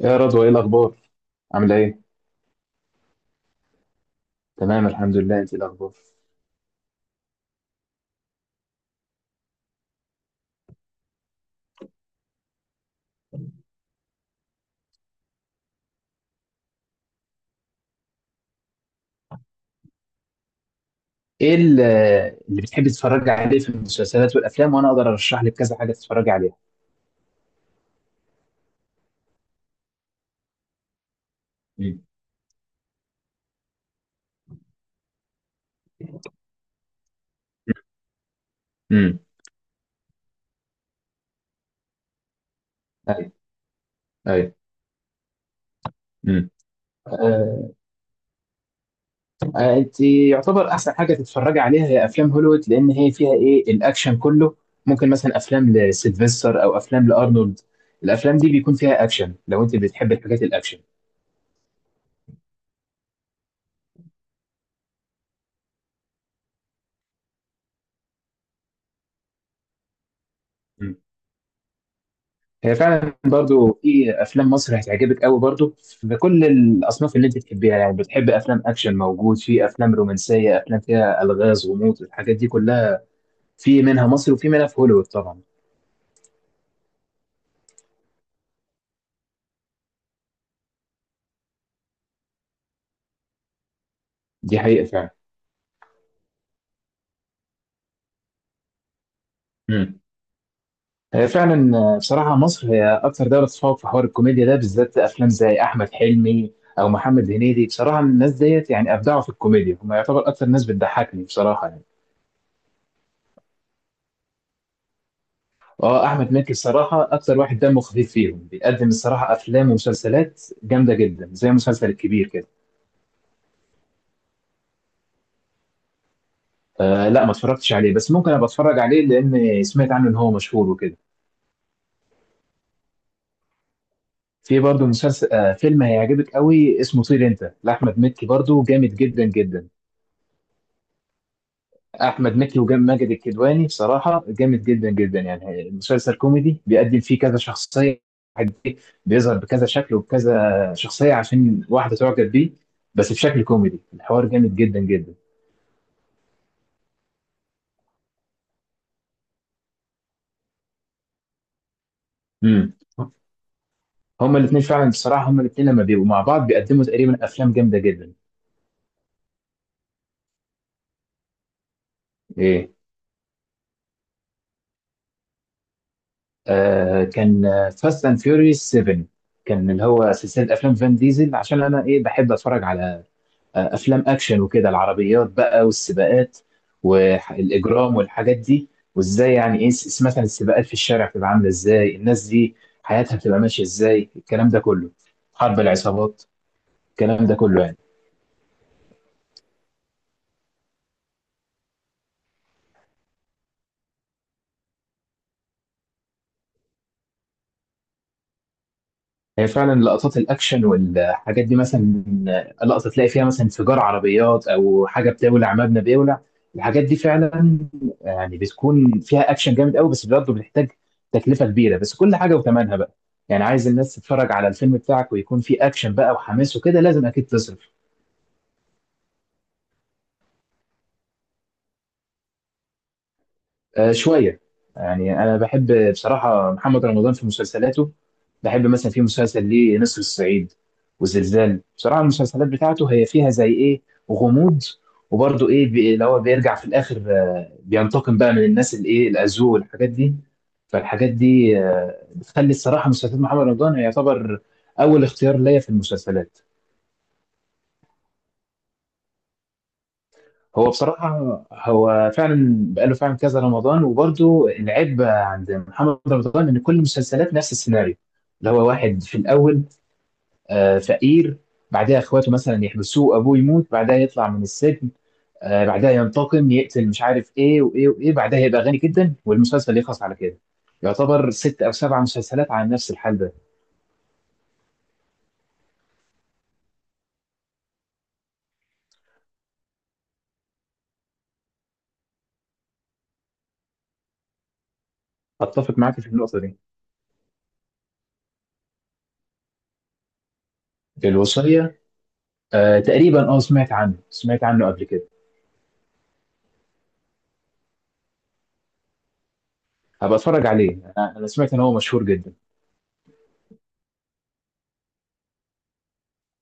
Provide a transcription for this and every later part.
يا رضوى، ايه الاخبار؟ عامله ايه؟ تمام، الحمد لله. انت إيه الاخبار؟ ايه ال- اللي بتحبي تتفرجي عليه في المسلسلات والافلام، وانا اقدر ارشح لك كذا حاجه تتفرجي عليها. امم. امم. ايوه. ايوه. امم. آه. آه، انت يعتبر احسن حاجه تتفرجي عليها هي افلام هوليوود، لان هي فيها الاكشن كله. ممكن مثلا افلام لسيلفستر او افلام لارنولد. الافلام دي بيكون فيها اكشن، لو انت بتحبي الحاجات الاكشن. هي فعلا برضو في افلام مصر هتعجبك قوي، برضو في كل الاصناف اللي انت تحبيها، يعني بتحب افلام اكشن موجود، في افلام رومانسيه، افلام فيها الغاز، غموض، الحاجات دي كلها. في منها مصر وفي منها في هوليوود طبعا. دي حقيقه فعلا. امم. هي فعلا بصراحه مصر هي اكثر دوله تتفوق في حوار الكوميديا ده، بالذات افلام زي احمد حلمي او محمد هنيدي. بصراحه الناس ديت يعني ابدعوا في الكوميديا، هم يعتبر اكثر ناس بتضحكني بصراحه يعني. اه، احمد مكي الصراحه اكتر واحد دمه خفيف فيهم، بيقدم الصراحه افلام ومسلسلات جامده جدا، زي مسلسل الكبير كده. آه، لا ما اتفرجتش عليه، بس ممكن ابقى اتفرج عليه، لان سمعت عنه ان هو مشهور وكده. في برضه مسلسل، آه، فيلم هيعجبك قوي اسمه طير انت لاحمد مكي، برضه جامد جدا جدا. احمد مكي وماجد الكدواني بصراحه جامد جدا جدا. يعني المسلسل كوميدي، بيقدم فيه كذا شخصيه. واحد إيه، بيظهر بكذا شكل وبكذا شخصيه عشان واحده تعجب بيه، بس بشكل كوميدي. الحوار جامد جدا جدا. امم. هما الاثنين فعلا بصراحه، هما الاثنين لما بيبقوا مع بعض بيقدموا تقريبا افلام جامده جدا. ايه. آه، كان فاست اند فيوريوس 7. كان اللي هو سلسله افلام فان ديزل، عشان انا بحب اتفرج على افلام اكشن وكده، العربيات بقى والسباقات والاجرام والحاجات دي. وازاي يعني مثلا السباقات في الشارع بتبقى عامله ازاي، الناس دي حياتها بتبقى ماشيه ازاي، الكلام ده كله، حرب العصابات، الكلام ده كله يعني. هي فعلا لقطات الاكشن والحاجات دي، مثلا لقطه تلاقي فيها مثلا انفجار عربيات او حاجه بتولع، مبنى بيولع، الحاجات دي فعلا يعني بتكون فيها اكشن جامد قوي، بس برضه بتحتاج تكلفه كبيره، بس كل حاجه وثمنها بقى. يعني عايز الناس تتفرج على الفيلم بتاعك ويكون فيه اكشن بقى وحماس وكده، لازم اكيد تصرف. آه، شوية. يعني أنا بحب بصراحة محمد رمضان في مسلسلاته. بحب مثلا في مسلسل ليه نسر الصعيد وزلزال. بصراحة المسلسلات بتاعته هي فيها زي إيه، غموض، وبرضه اللي هو بيرجع في الآخر، آه، بينتقم بقى من الناس الأذوة والحاجات دي. فالحاجات دي، آه، بتخلي الصراحة مسلسلات محمد رمضان يعتبر أول اختيار ليا في المسلسلات. هو بصراحة هو فعلا بقاله فعلا كذا رمضان، وبرضه العيب عند محمد رمضان إن كل المسلسلات نفس السيناريو، اللي هو واحد في الأول، آه، فقير، بعدها إخواته مثلا يحبسوه، أبوه يموت، بعدها يطلع من السجن، آه، بعدها ينتقم، يقتل، مش عارف إيه وإيه وإيه، بعدها يبقى غني جدا، والمسلسل يخلص على كده. يعتبر ست أو سبع مسلسلات على نفس الحال ده. أتفق معاك في النقطة دي. الوصية، آه، تقريبا. أه، سمعت عنه، سمعت عنه قبل كده. هبقى أتفرج عليه، أنا سمعت إن هو مشهور جدا.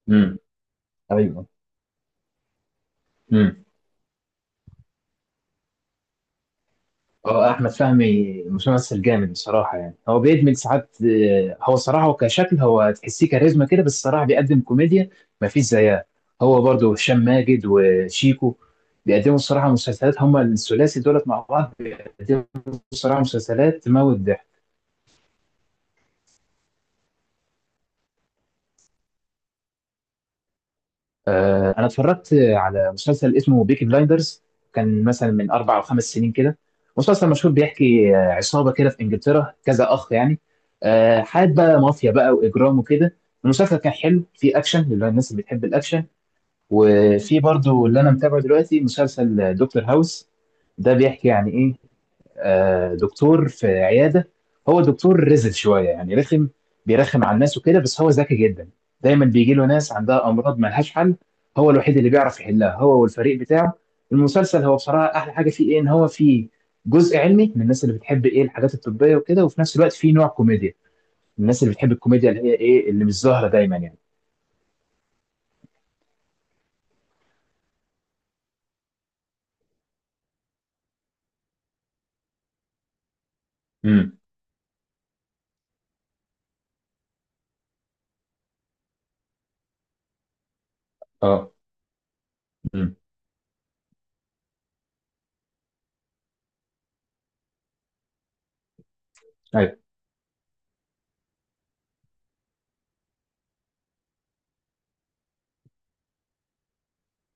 امم. ايوه. امم. اه، احمد فهمي ممثل جامد بصراحه، يعني هو بيدمج ساعات، آه، هو صراحه هو كشكل هو تحسيه كاريزما كده، بس صراحه بيقدم كوميديا ما فيش زيها. هو برضه هشام ماجد وشيكو بيقدموا الصراحه مسلسلات، هما الثلاثي دولت مع بعض بيقدموا الصراحه مسلسلات تموت ضحك. آه، انا اتفرجت على مسلسل اسمه بيكي بلايندرز، كان مثلا من اربع او خمس سنين كده. مسلسل مشهور بيحكي، آه، عصابه كده في انجلترا، كذا اخ يعني، آه، حياه بقى مافيا بقى واجرام وكده. المسلسل كان حلو، فيه اكشن للناس اللي بتحب الاكشن. وفي برضو اللي انا متابعه دلوقتي، مسلسل دكتور هاوس. ده بيحكي يعني ايه، آه، دكتور في عياده، هو دكتور رزل شويه يعني رخم، بيرخم على الناس وكده، بس هو ذكي جدا. دايما بيجي له ناس عندها امراض ما لهاش حل، هو الوحيد اللي بيعرف يحلها، هو والفريق بتاعه. المسلسل هو بصراحه احلى حاجه فيه ان هو فيه جزء علمي، من الناس اللي بتحب الحاجات الطبيه وكده، وفي نفس الوقت فيه نوع كوميديا، الناس اللي بتحب الكوميديا اللي هي اللي مش ظاهره دايما يعني. امم. اه. امم. ايوه.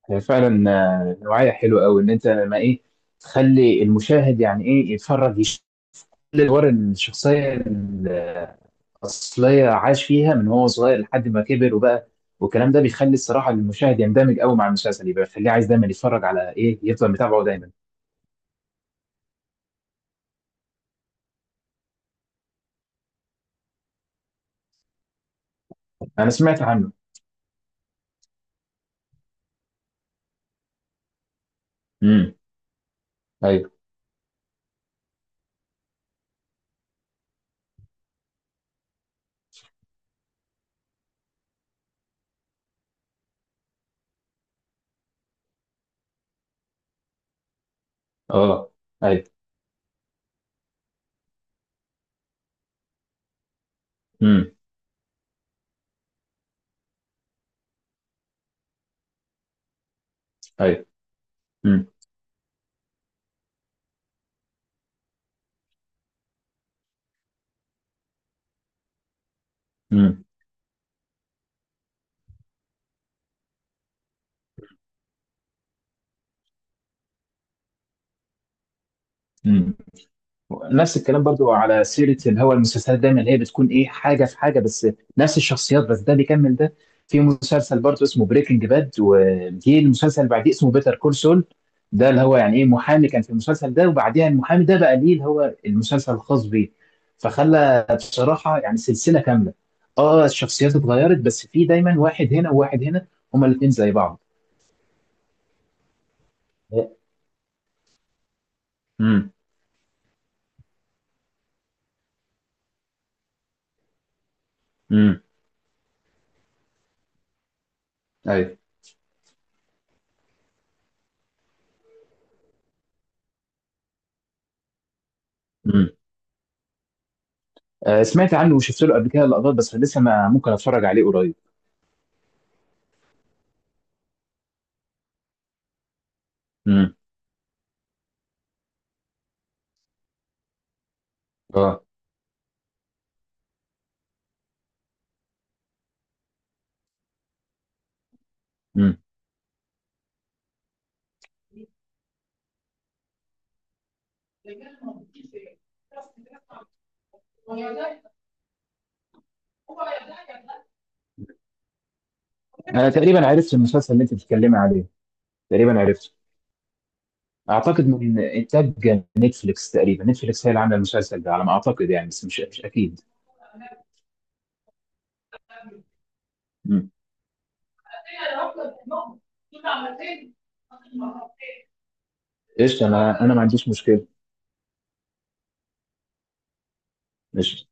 هي فعلا، آه، نوعيه حلوه قوي ان انت ما تخلي المشاهد يعني يتفرج، الادوار الشخصيه الاصليه عاش فيها من هو صغير لحد ما كبر وبقى، والكلام ده بيخلي الصراحه المشاهد يندمج قوي مع المسلسل، يبقى بيخليه عايز دايما يتفرج، على يفضل متابعه دايما. انا سمعت عنه. امم. ايوه. اه. ايوه. امم. ايوه. امم. امم. نفس الكلام برضو، على سيرة اللي هو المسلسلات دايما اللي هي بتكون حاجة في حاجة، بس نفس الشخصيات، بس ده بيكمل ده. في مسلسل برضو اسمه بريكنج باد، وجي المسلسل اللي بعديه اسمه بيتر كول سول، ده اللي هو يعني ايه محامي كان في المسلسل ده، وبعديها المحامي ده بقى ليه اللي هو المسلسل الخاص بيه، فخلى بصراحة يعني سلسلة كاملة. اه، الشخصيات اتغيرت، بس في دايما واحد هنا وواحد هنا، هما الاتنين زي بعض. امم. امم. ايوه. آه، سمعت عنه وشفت له قبل كده لقطات، بس لسه ما ممكن اتفرج عليه قريب. امم. اه. امم. انا تقريبا عرفت المسلسل اللي انت بتتكلمي عليه، تقريبا عرفته. اعتقد من انتاج نتفليكس، تقريبا نتفليكس هي اللي عامله المسلسل ده على ما اعتقد يعني، بس مش اكيد. امم. قشطه، انا ما عنديش مشكله. قشطه.